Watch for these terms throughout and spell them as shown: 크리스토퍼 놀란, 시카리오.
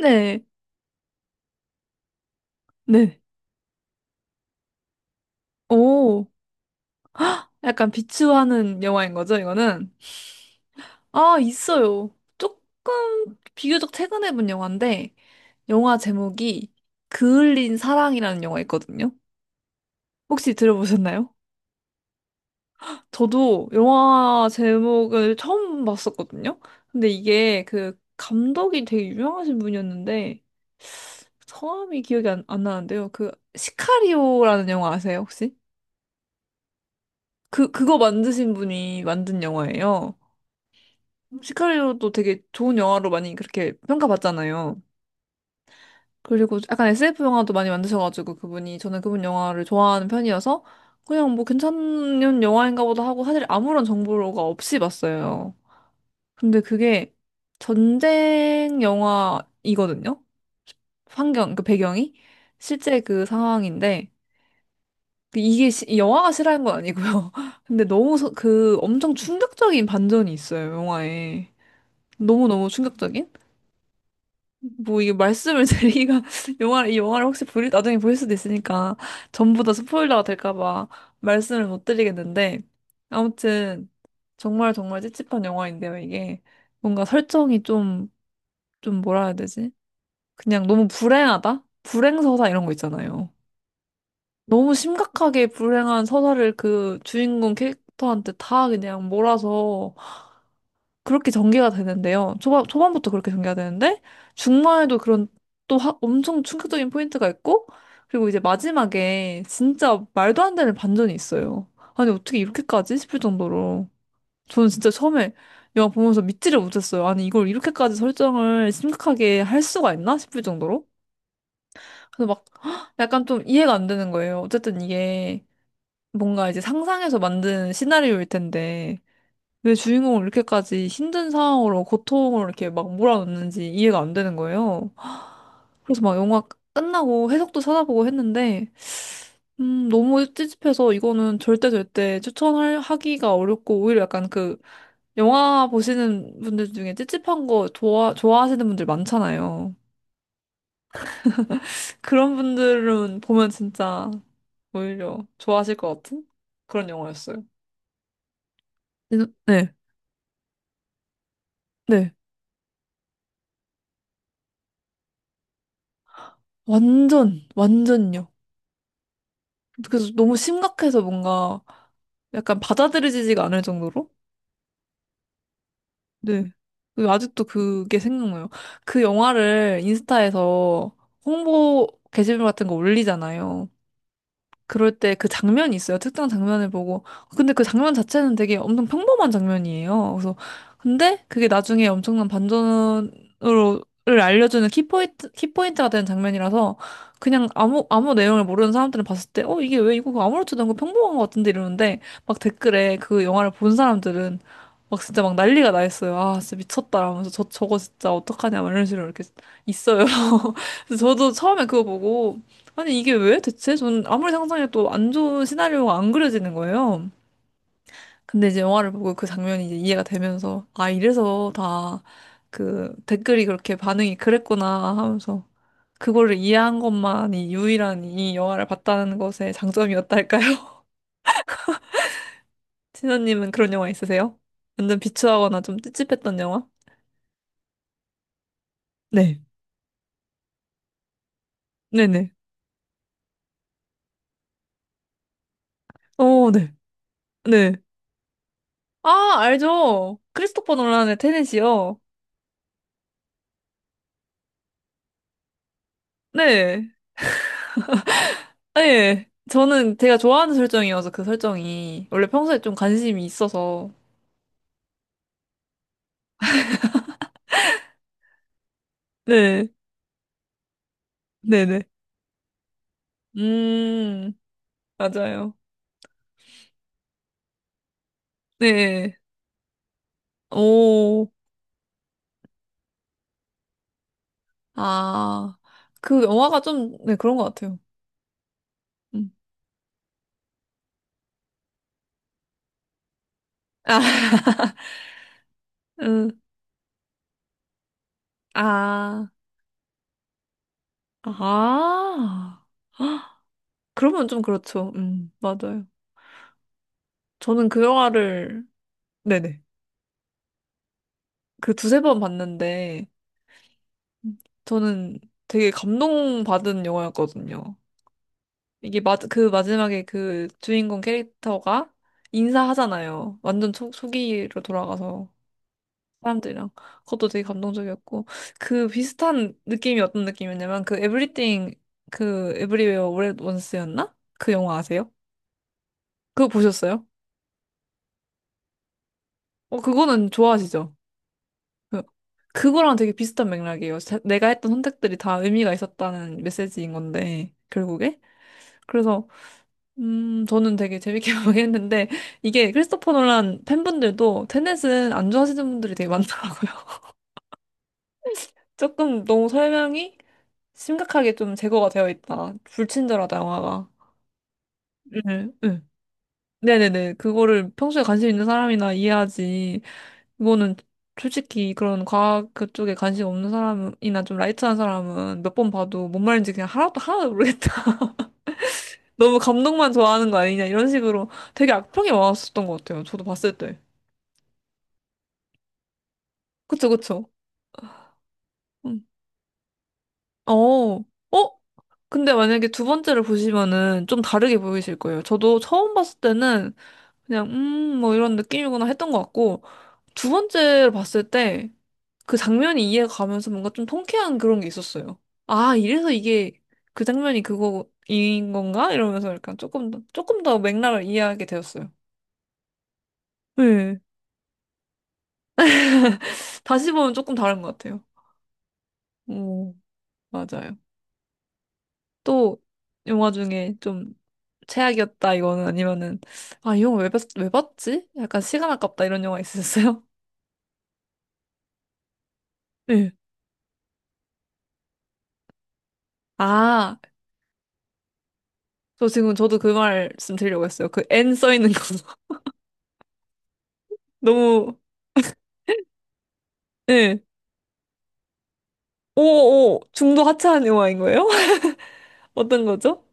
네, 네. 오, 약간 비추하는 영화인 거죠, 이거는? 아, 있어요. 조금 비교적 최근에 본 영화인데, 영화 제목이 그을린 사랑이라는 영화 있거든요. 혹시 들어보셨나요? 저도 영화 제목을 처음 봤었거든요. 근데 이게 그 감독이 되게 유명하신 분이었는데, 성함이 기억이 안 나는데요. 그 시카리오라는 영화 아세요, 혹시? 그거 만드신 분이 만든 영화예요. 시카리오도 되게 좋은 영화로 많이 그렇게 평가받잖아요. 그리고 약간 SF 영화도 많이 만드셔가지고 그분이 저는 그분 영화를 좋아하는 편이어서 그냥 뭐 괜찮은 영화인가 보다 하고 사실 아무런 정보가 없이 봤어요. 근데 그게 전쟁 영화이거든요. 환경, 그 배경이 실제 그 상황인데 그 이게 이 영화가 싫어하는 건 아니고요. 근데 너무 그 엄청 충격적인 반전이 있어요, 영화에. 너무너무 충격적인? 뭐 이게 말씀을 드리기가 영화를 이 영화를 혹시 보일 나중에 보일 수도 있으니까 전부 다 스포일러가 될까 봐 말씀을 못 드리겠는데 아무튼 정말 정말 찝찝한 영화인데요 이게 뭔가 설정이 좀 좀 뭐라 해야 되지? 그냥 너무 불행하다? 불행서사 이런 거 있잖아요. 너무 심각하게 불행한 서사를 그 주인공 캐릭터한테 다 그냥 몰아서 그렇게 전개가 되는데요. 초반부터 그렇게 전개가 되는데, 중반에도 그런 또 엄청 충격적인 포인트가 있고, 그리고 이제 마지막에 진짜 말도 안 되는 반전이 있어요. 아니, 어떻게 이렇게까지? 싶을 정도로. 저는 진짜 처음에 영화 보면서 믿지를 못했어요. 아니, 이걸 이렇게까지 설정을 심각하게 할 수가 있나? 싶을 정도로. 그래서 막 헉, 약간 좀 이해가 안 되는 거예요. 어쨌든 이게 뭔가 이제 상상해서 만든 시나리오일 텐데, 왜 주인공을 이렇게까지 힘든 상황으로 고통을 이렇게 막 몰아넣는지 이해가 안 되는 거예요. 그래서 막 영화 끝나고 해석도 찾아보고 했는데, 너무 찝찝해서 이거는 절대 절대 추천하기가 어렵고, 오히려 약간 그, 영화 보시는 분들 중에 찝찝한 거 좋아하시는 분들 많잖아요. 그런 분들은 보면 진짜 오히려 좋아하실 것 같은 그런 영화였어요. 네, 네. 네. 완전, 완전요. 그래서 너무 심각해서 뭔가 약간 받아들여지지가 않을 정도로? 네. 그 아직도 그게 생각나요. 그 영화를 인스타에서 홍보 게시물 같은 거 올리잖아요. 그럴 때 그 장면이 있어요. 특정 장면을 보고. 근데 그 장면 자체는 되게 엄청 평범한 장면이에요. 그래서, 근데 그게 나중에 엄청난 반전으로, 를 알려주는 키포인트가 되는 장면이라서 그냥 아무 내용을 모르는 사람들은 봤을 때, 어, 이게 왜 이거 그거 아무렇지도 않고 평범한 것 같은데 이러는데 막 댓글에 그 영화를 본 사람들은 막 진짜 막 난리가 나 있어요. 아, 진짜 미쳤다. 하면서 저거 진짜 어떡하냐. 막 이런 식으로 이렇게 있어요. 그래서 저도 처음에 그거 보고 아니, 이게 왜 대체? 저는 아무리 상상해도 안 좋은 시나리오가 안 그려지는 거예요. 근데 이제 영화를 보고 그 장면이 이제 이해가 되면서, 아, 이래서 다 그 댓글이 그렇게 반응이 그랬구나 하면서, 그거를 이해한 것만이 유일한 이 영화를 봤다는 것의 장점이었달까요? 신현님은 그런 영화 있으세요? 완전 비추하거나 좀 찝찝했던 영화? 네. 네네. 어, 네. 네. 아, 알죠. 크리스토퍼 놀란의 테넷이요. 네. 예. 저는 제가 좋아하는 설정이어서 그 설정이 원래 평소에 좀 관심이 있어서. 네. 네네. 음, 맞아요. 네. 오. 아. 그 영화가 좀, 네, 그런 것 같아요. 음. 아, 음. 아. 아. 그러면 좀 그렇죠. 맞아요. 저는 그 영화를, 네네. 그 두세 번 봤는데, 저는 되게 감동받은 영화였거든요. 이게 마, 그 마지막에 그 주인공 캐릭터가 인사하잖아요. 완전 초, 초기로 돌아가서 사람들이랑. 그것도 되게 감동적이었고. 그 비슷한 느낌이 어떤 느낌이었냐면 그 에브리띵 그 에브리웨어 올 원스였나? 그 영화 아세요? 그거 보셨어요? 어, 그거는 좋아하시죠? 그- 그거랑 되게 비슷한 맥락이에요. 내가 했던 선택들이 다 의미가 있었다는 메시지인 건데, 결국에. 그래서 저는 되게 재밌게 보긴 했는데, 이게 크리스토퍼 놀란 팬분들도 테넷은 안 좋아하시는 분들이 되게 많더라고요. 조금 너무 설명이 심각하게 좀 제거가 되어 있다. 불친절하다, 영화가. 네, 네. 네네네. 그거를 평소에 관심 있는 사람이나 이해하지. 이거는 솔직히 그런 과학 그쪽에 관심 없는 사람이나 좀 라이트한 사람은 몇 번 봐도 뭔 말인지 그냥 하나도 모르겠다. 너무 감동만 좋아하는 거 아니냐, 이런 식으로 되게 악평이 많았었던 것 같아요. 저도 봤을 때. 그쵸, 그쵸. 음. 어, 어? 근데 만약에 두 번째를 보시면은 좀 다르게 보이실 거예요. 저도 처음 봤을 때는 그냥, 뭐 이런 느낌이구나 했던 것 같고, 두 번째를 봤을 때 그 장면이 이해가 가면서 뭔가 좀 통쾌한 그런 게 있었어요. 아, 이래서 이게 그 장면이 그거인 건가? 이러면서 약간 조금 더, 조금 더 맥락을 이해하게 되었어요. 네. 다시 보면 조금 다른 것 같아요. 오, 맞아요. 또 영화 중에 좀 최악이었다 이거는 아니면은 아, 이 영화 왜, 봤, 왜 봤지? 약간 시간 아깝다 이런 영화 있으셨어요? 네. 아, 저 지금 저도 그 말씀 드리려고 했어요. 그 N 써 있는 거 너무 예. 오오 중도 하차한 영화인 거예요? 어떤 거죠?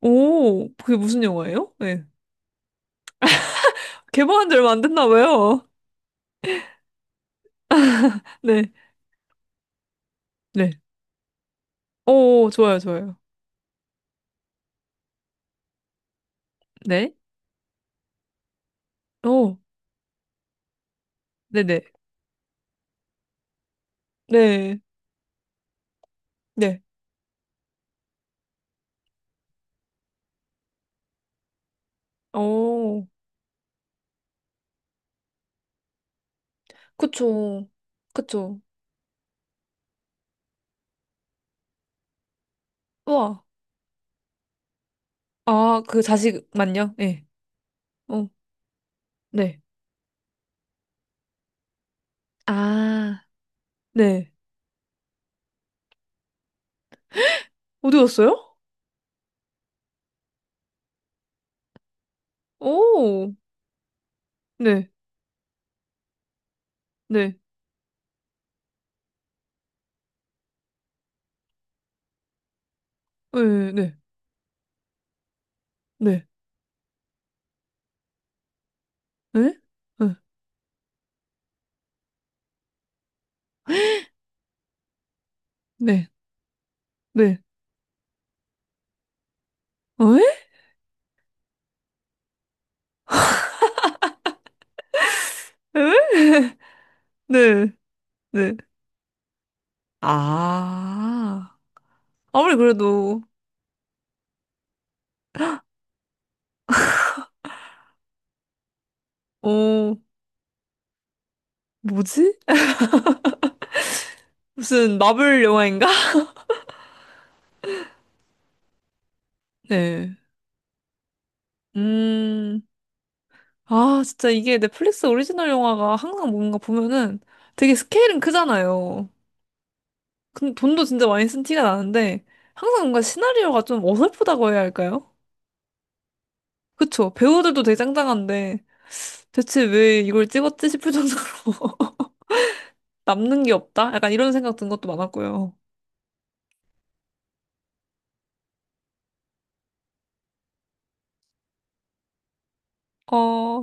오, 그게 무슨 영화예요? 네. 개봉한 지 얼마 안 됐나 봐요. 네. 네. 오, 좋아요, 좋아요. 네. 오, 네네. 네. 네. 오, 그쵸. 그쵸. 우와. 아, 그 자식만요? 예. 어, 네. 아, 네. 어디 갔어요? 오, 네, 네, 네, 네, 네, 네, 네, 네, 네, 어, 에? 에? 네, 네. 아, 아무리 그래도, 어, 뭐지? 무슨 마블 영화인가? 네. 음, 아, 진짜 이게 넷플릭스 오리지널 영화가 항상 뭔가 보면은 되게 스케일은 크잖아요. 근데 돈도 진짜 많이 쓴 티가 나는데 항상 뭔가 시나리오가 좀 어설프다고 해야 할까요? 그쵸? 배우들도 되게 짱짱한데 대체 왜 이걸 찍었지 싶을 정도로 남는 게 없다? 약간 이런 생각 든 것도 많았고요. 어,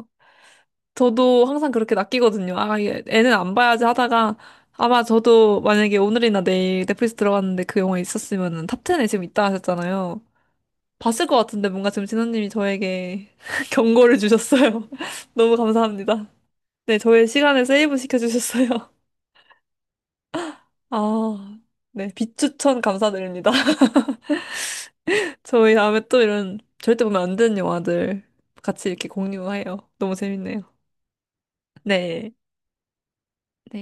저도 항상 그렇게 낚이거든요. 아, 애는 안 봐야지 하다가 아마 저도 만약에 오늘이나 내일 넷플릭스 들어갔는데 그 영화 있었으면은 탑10에 지금 있다 하셨잖아요. 봤을 것 같은데 뭔가 지금 진호님이 저에게 경고를 주셨어요. 너무 감사합니다. 네, 저의 시간을 세이브 시켜주셨어요. 아, 네, 빛추천 감사드립니다. 저희 다음에 또 이런 절대 보면 안 되는 영화들 같이 이렇게 공유해요. 너무 재밌네요. 네. 네.